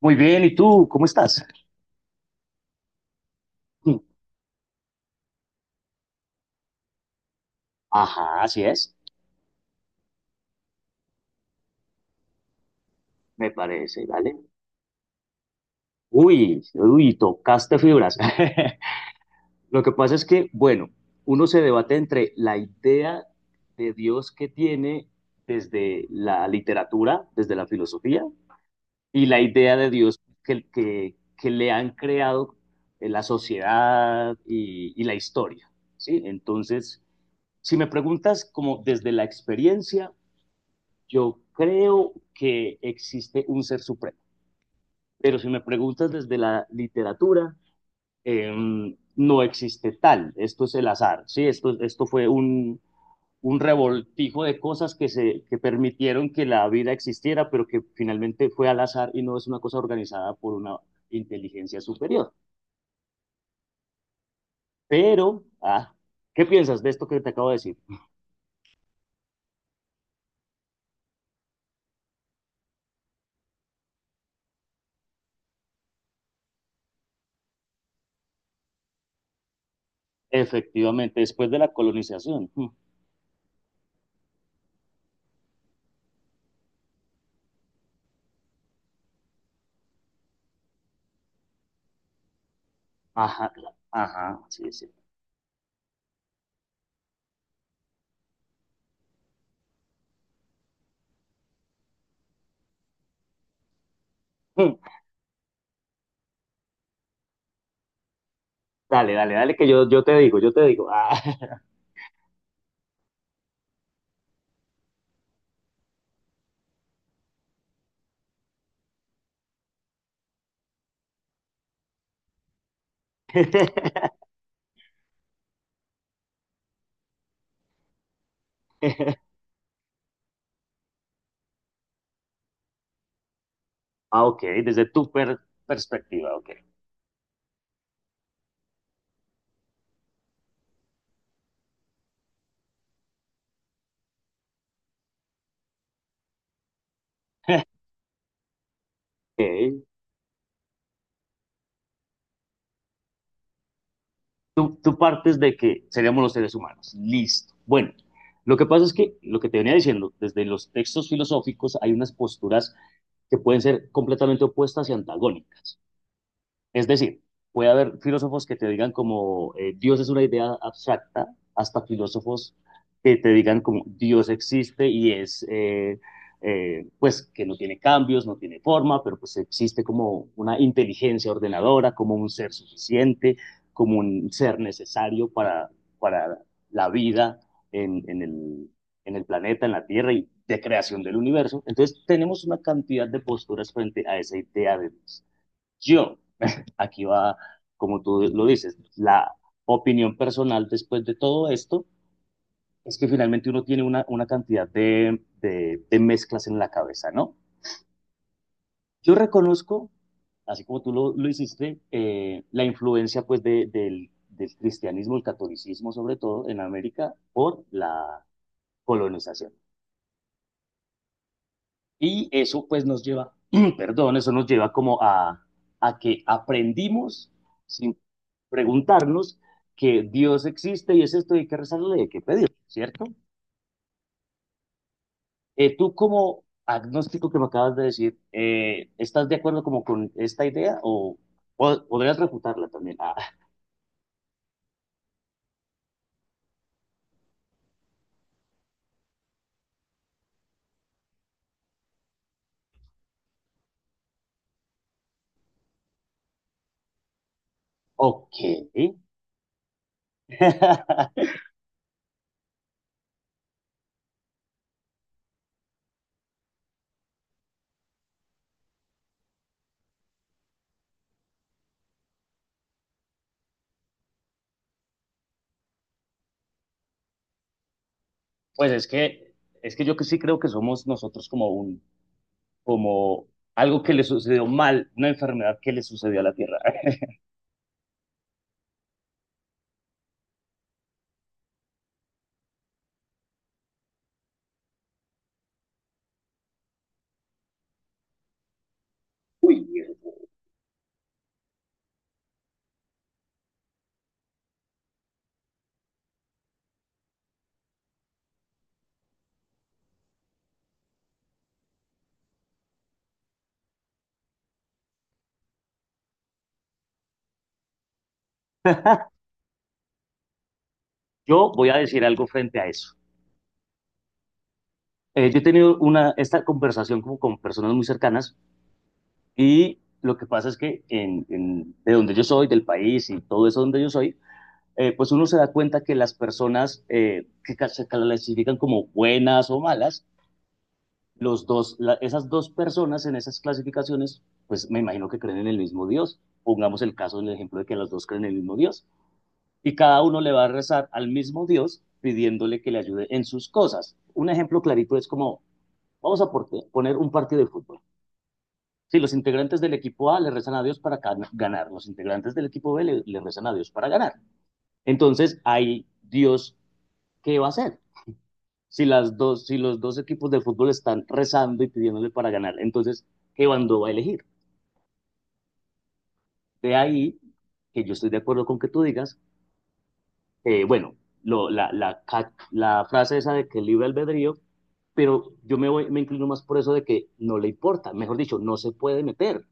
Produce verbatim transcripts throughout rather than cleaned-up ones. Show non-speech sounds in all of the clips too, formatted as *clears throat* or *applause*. Muy bien, ¿y tú? ¿Cómo estás? Ajá, así es, me parece, ¿vale? Uy, uy, tocaste fibras. *laughs* Lo que pasa es que, bueno, uno se debate entre la idea de Dios que tiene desde la literatura, desde la filosofía, y la idea de Dios que, que, que le han creado eh, la sociedad y, y la historia, ¿sí? Entonces, si me preguntas como desde la experiencia, yo creo que existe un ser supremo, pero si me preguntas desde la literatura, eh, no existe tal, esto es el azar, ¿sí? esto, esto fue un, un revoltijo de cosas que, se, que permitieron que la vida existiera, pero que finalmente fue al azar y no es una cosa organizada por una inteligencia superior. Pero, ah, ¿qué piensas de esto que te acabo de decir? Efectivamente, después de la colonización. Ajá, ajá, sí, sí. Dale, dale, dale, que yo, yo te digo, yo te digo. Ah, *laughs* ah, ok, desde tu per- perspectiva, ok. Ok. Tú, tú partes de que seríamos los seres humanos. Listo. Bueno, lo que pasa es que lo que te venía diciendo, desde los textos filosóficos hay unas posturas que pueden ser completamente opuestas y antagónicas. Es decir, puede haber filósofos que te digan como eh, Dios es una idea abstracta, hasta filósofos que te digan como Dios existe y es, eh, eh, pues, que no tiene cambios, no tiene forma, pero pues existe como una inteligencia ordenadora, como un ser suficiente, como un ser necesario para, para la vida en, en el, en el planeta, en la Tierra y de creación del universo. Entonces, tenemos una cantidad de posturas frente a esa idea de Dios yo, *laughs* aquí va, como tú lo dices, la opinión personal después de todo esto es que finalmente uno tiene una, una cantidad de, de, de mezclas en la cabeza, ¿no? Yo reconozco, así como tú lo, lo hiciste, eh, la influencia pues de- del, del cristianismo, el catolicismo sobre todo en América por la colonización. Y eso pues nos lleva, *clears throat* perdón, eso nos lleva como a, a que aprendimos sin preguntarnos que Dios existe y es esto y hay que rezarle, hay que pedir, ¿cierto? Eh, tú como agnóstico que me acabas de decir, eh, ¿estás de acuerdo como con esta idea o, o podrías refutarla también? Ah, ok. *laughs* Pues es que, es que yo que sí creo que somos nosotros como un, como algo que le sucedió mal, una enfermedad que le sucedió a la Tierra. Uy, yo voy a decir algo frente a eso. Eh, yo he tenido una, esta conversación como con personas muy cercanas y lo que pasa es que en, en, de donde yo soy, del país y todo eso donde yo soy, eh, pues uno se da cuenta que las personas eh, que se clasifican como buenas o malas, los dos, la, esas dos personas en esas clasificaciones, pues me imagino que creen en el mismo Dios. Pongamos el caso del ejemplo de que las dos creen en el mismo Dios. Y cada uno le va a rezar al mismo Dios pidiéndole que le ayude en sus cosas. Un ejemplo clarito es como, vamos a poner un partido de fútbol. Si los integrantes del equipo A le rezan a Dios para ganar, los integrantes del equipo B le, le rezan a Dios para ganar. Entonces, ahí Dios, ¿qué va a hacer? Si, las dos, si los dos equipos de fútbol están rezando y pidiéndole para ganar, entonces, ¿qué bando va a elegir? De ahí que yo estoy de acuerdo con que tú digas, eh, bueno, lo- la, la ca- la frase esa de que libre albedrío, pero yo me voy, me inclino más por eso de que no le importa, mejor dicho, no se puede meter. O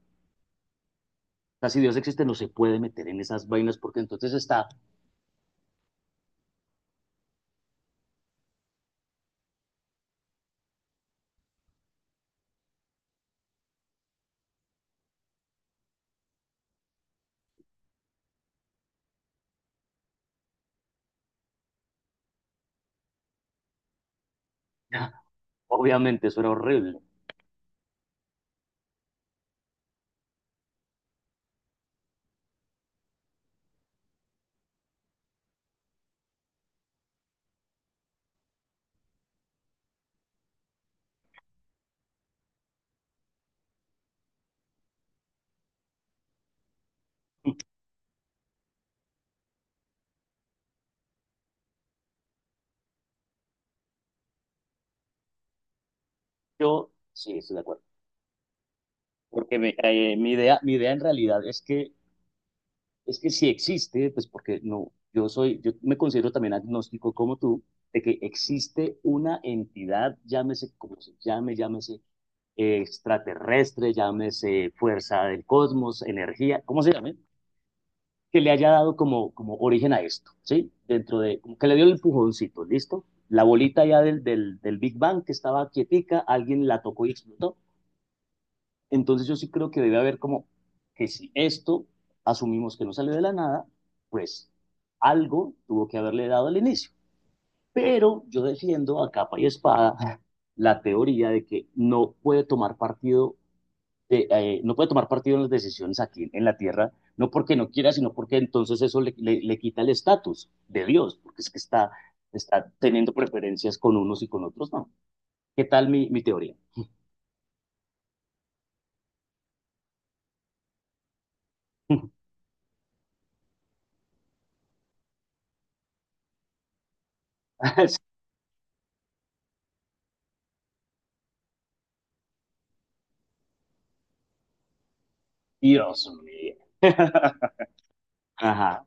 sea, si Dios existe, no se puede meter en esas vainas porque entonces está, *laughs* obviamente, eso era horrible. Yo sí estoy de acuerdo, porque me- eh, mi idea, mi idea en realidad es que, es que si existe, pues porque no, yo soy, yo me considero también agnóstico como tú, de que existe una entidad, llámese como se llame, llámese eh, extraterrestre, llámese fuerza del cosmos, energía, ¿cómo se llame? Que le haya dado como, como origen a esto, ¿sí? Dentro de, como que le dio el empujoncito, ¿listo? La bolita ya del, del, del Big Bang que estaba quietica, alguien la tocó y explotó. Entonces yo sí creo que debe haber como que si esto asumimos que no sale de la nada, pues algo tuvo que haberle dado al inicio. Pero yo defiendo a capa y espada la teoría de que no puede tomar partido de, eh, no puede tomar partido en las decisiones aquí en la tierra, no porque no quiera, sino porque entonces eso le, le, le quita el estatus de Dios, porque es que está, está teniendo preferencias con unos y con otros, no. ¿Qué tal mi, mi teoría? *laughs* Dios mío. Ajá,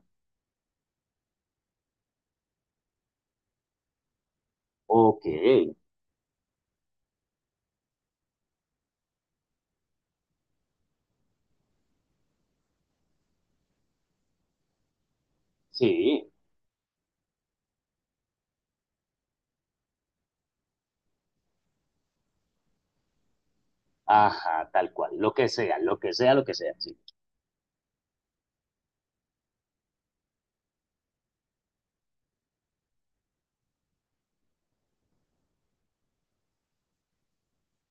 ok, sí, ajá, tal cual, lo que sea, lo que sea, lo que sea, sí.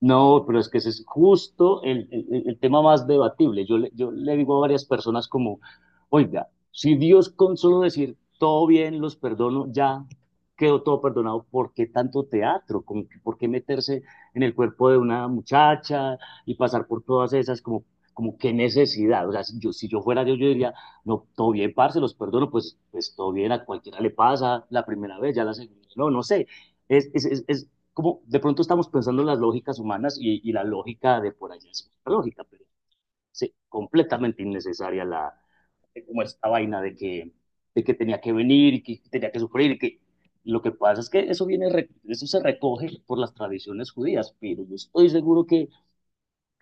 No, pero es que ese es justo el, el- el tema más debatible. Yo le, yo le digo a varias personas como, oiga, si Dios con solo decir todo bien, los perdono, ya quedó todo perdonado, ¿por qué tanto teatro? ¿Con- ¿Por qué meterse en el cuerpo de una muchacha y pasar por todas esas como, como qué necesidad? O sea, si yo, si yo fuera Dios, yo diría, no, todo bien, parce, los perdono, pues, pues todo bien, a cualquiera le pasa la primera vez, ya la segunda, no, no sé. Es, es, es, es como de pronto estamos pensando en las lógicas humanas y, y la lógica de por allá es otra lógica, pero sí, completamente innecesaria la, como esta vaina de que, de que tenía que venir y que tenía que sufrir y que lo que pasa es que eso viene, eso se recoge por las tradiciones judías, pero yo estoy seguro que,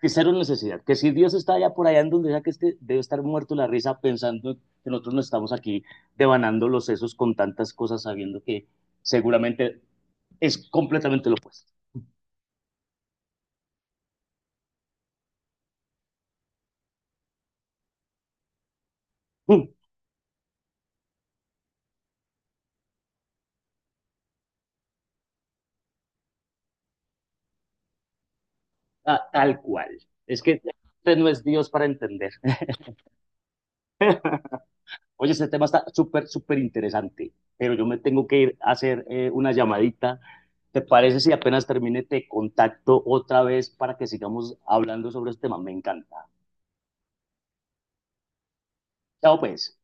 que cero necesidad, que si Dios está allá por allá en donde sea que esté, debe estar muerto la risa pensando que nosotros no estamos aquí devanando los sesos con tantas cosas sabiendo que seguramente es completamente lo opuesto. Ah, tal cual. Es que usted no es Dios para entender. *laughs* Oye, este tema está súper, súper interesante, pero yo me tengo que ir a hacer eh, una llamadita. ¿Te parece si apenas termine te contacto otra vez para que sigamos hablando sobre este tema? Me encanta. Chao, pues.